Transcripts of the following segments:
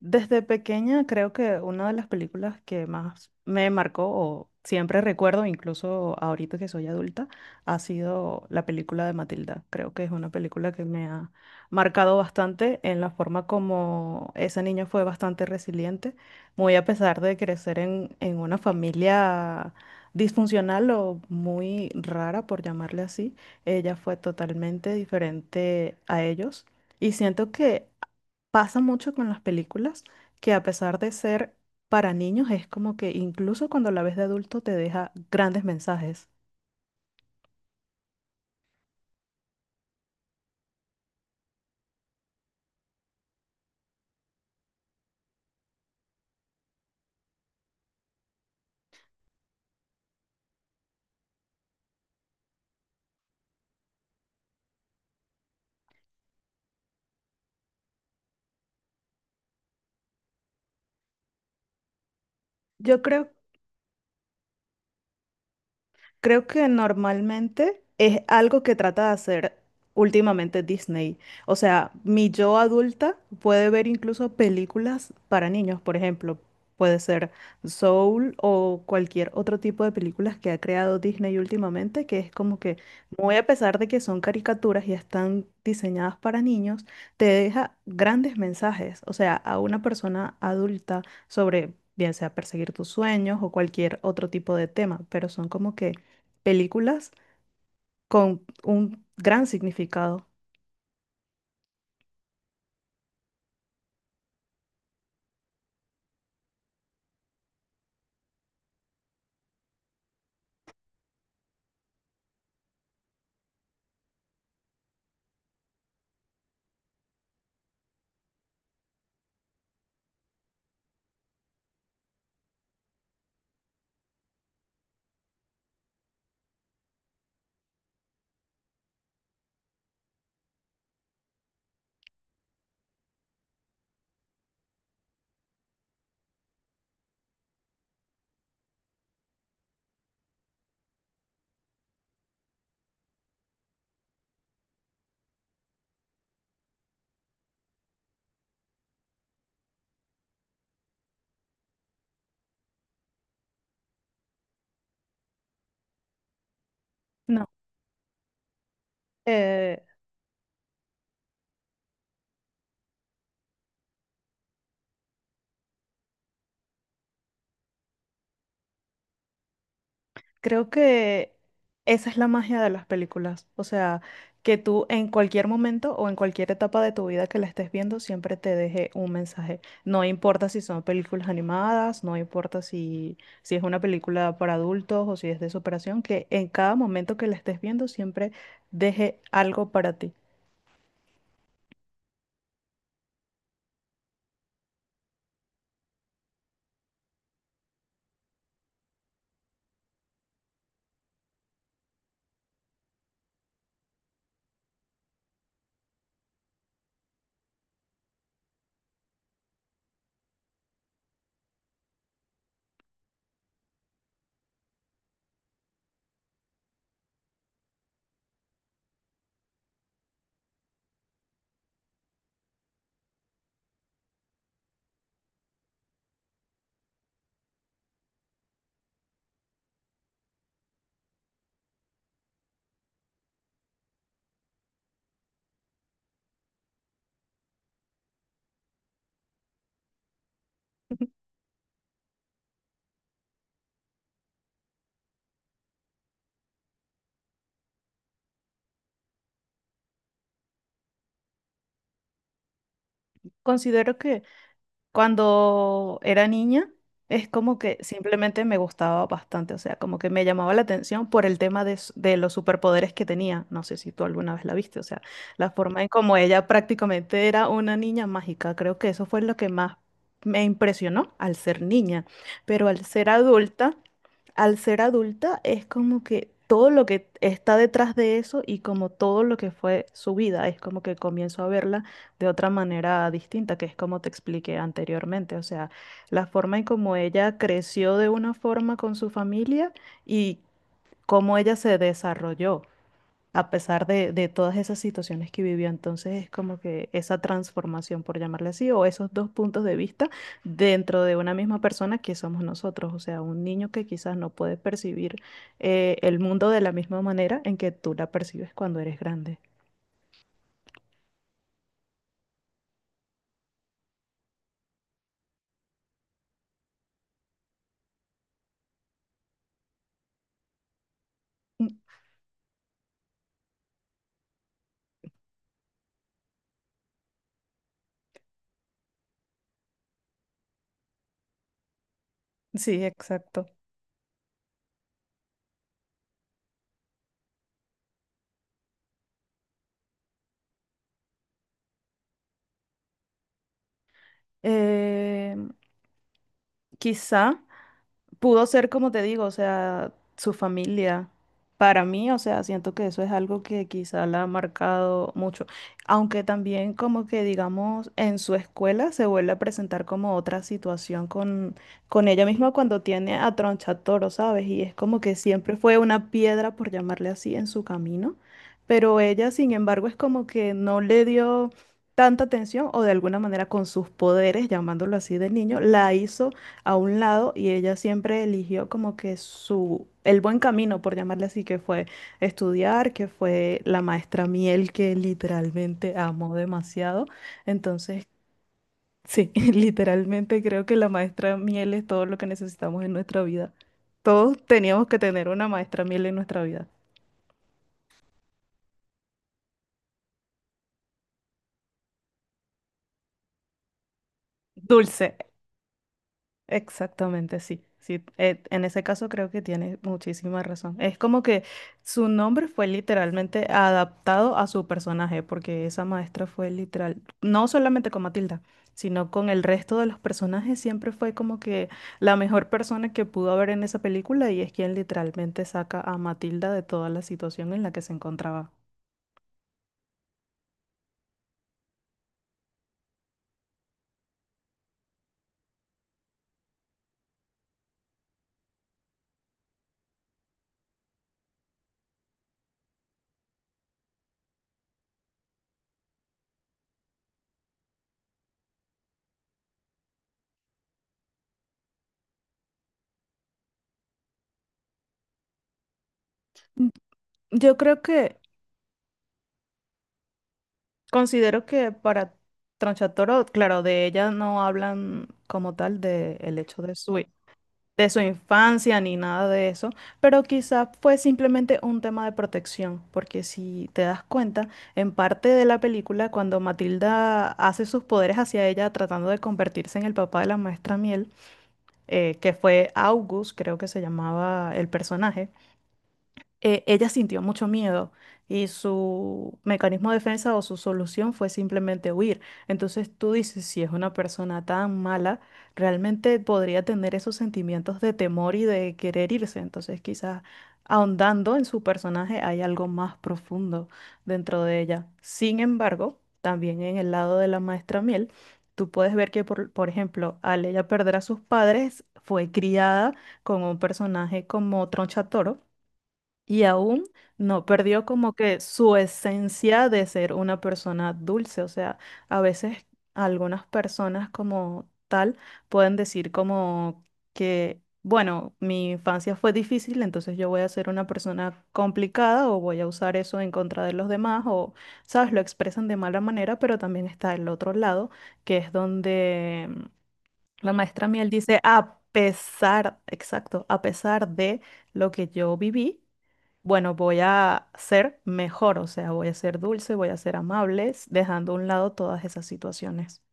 Desde pequeña creo que una de las películas que más me marcó o siempre recuerdo, incluso ahorita que soy adulta, ha sido la película de Matilda. Creo que es una película que me ha marcado bastante en la forma como esa niña fue bastante resiliente, muy a pesar de crecer en una familia disfuncional o muy rara, por llamarle así, ella fue totalmente diferente a ellos. Y siento que pasa mucho con las películas que, a pesar de ser para niños, es como que incluso cuando la ves de adulto te deja grandes mensajes. Yo creo Creo que normalmente es algo que trata de hacer últimamente Disney. O sea, mi yo adulta puede ver incluso películas para niños, por ejemplo. Puede ser Soul o cualquier otro tipo de películas que ha creado Disney últimamente, que es como que, muy a pesar de que son caricaturas y están diseñadas para niños, te deja grandes mensajes. O sea, a una persona adulta sobre, bien sea perseguir tus sueños o cualquier otro tipo de tema, pero son como que películas con un gran significado. No. Eh, Creo que esa es la magia de las películas. O sea, que tú en cualquier momento o en cualquier etapa de tu vida que la estés viendo, siempre te deje un mensaje. No importa si son películas animadas, no importa si es una película para adultos o si es de superación, que en cada momento que la estés viendo, siempre deje algo para ti. Considero que cuando era niña, es como que simplemente me gustaba bastante, o sea, como que me llamaba la atención por el tema de, s- de los superpoderes que tenía. No sé si tú alguna vez la viste, o sea, la forma en cómo ella prácticamente era una niña mágica. Creo que eso fue lo que más me impresionó al ser niña, pero al ser adulta, es como que todo lo que está detrás de eso y como todo lo que fue su vida, es como que comienzo a verla de otra manera distinta, que es como te expliqué anteriormente, o sea, la forma en cómo ella creció de una forma con su familia y cómo ella se desarrolló a pesar de todas esas situaciones que vivió. Entonces es como que esa transformación, por llamarle así, o esos dos puntos de vista dentro de una misma persona que somos nosotros, o sea, un niño que quizás no puede percibir el mundo de la misma manera en que tú la percibes cuando eres grande. Mm, Sí, exacto. Quizá pudo ser, como te digo, o sea, su familia. Para mí, o sea, siento que eso es algo que quizá la ha marcado mucho. Aunque también como que, digamos, en su escuela se vuelve a presentar como otra situación con ella misma cuando tiene a Tronchatoro, ¿sabes? Y es como que siempre fue una piedra, por llamarle así, en su camino. Pero ella, sin embargo, es como que no le dio tanta atención o de alguna manera con sus poderes, llamándolo así de niño, la hizo a un lado y ella siempre eligió como que su, el buen camino, por llamarle así, que fue estudiar, que fue la maestra Miel, que literalmente amó demasiado. Entonces, sí, literalmente creo que la maestra Miel es todo lo que necesitamos en nuestra vida. Todos teníamos que tener una maestra Miel en nuestra vida. Dulce, exactamente, sí. Sí, en ese caso creo que tiene muchísima razón. Es como que su nombre fue literalmente adaptado a su personaje, porque esa maestra fue literal, no solamente con Matilda, sino con el resto de los personajes, siempre fue como que la mejor persona que pudo haber en esa película y es quien literalmente saca a Matilda de toda la situación en la que se encontraba. Yo creo que Considero que para Tronchatoro, claro, de ella no hablan como tal de el hecho de su infancia ni nada de eso, pero quizás fue simplemente un tema de protección, porque si te das cuenta, en parte de la película, cuando Matilda hace sus poderes hacia ella tratando de convertirse en el papá de la maestra Miel, que fue August, creo que se llamaba el personaje, ella sintió mucho miedo y su mecanismo de defensa o su solución fue simplemente huir. Entonces tú dices, si es una persona tan mala, realmente podría tener esos sentimientos de temor y de querer irse. Entonces quizás ahondando en su personaje hay algo más profundo dentro de ella. Sin embargo, también en el lado de la maestra Miel, tú puedes ver que, por ejemplo, al ella perder a sus padres, fue criada con un personaje como Tronchatoro y aún no perdió como que su esencia de ser una persona dulce. O sea, a veces algunas personas como tal pueden decir como que, bueno, mi infancia fue difícil, entonces yo voy a ser una persona complicada o voy a usar eso en contra de los demás o, ¿sabes? Lo expresan de mala manera, pero también está el otro lado, que es donde la maestra Miel dice, a pesar, exacto, a pesar de lo que yo viví, bueno, voy a ser mejor, o sea, voy a ser dulce, voy a ser amables, dejando a un lado todas esas situaciones.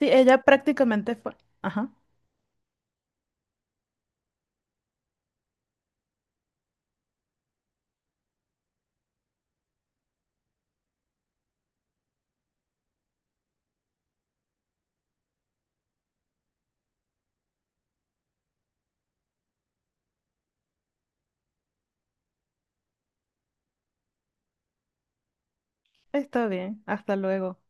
Sí, ella prácticamente fue. Ajá, está bien, hasta luego.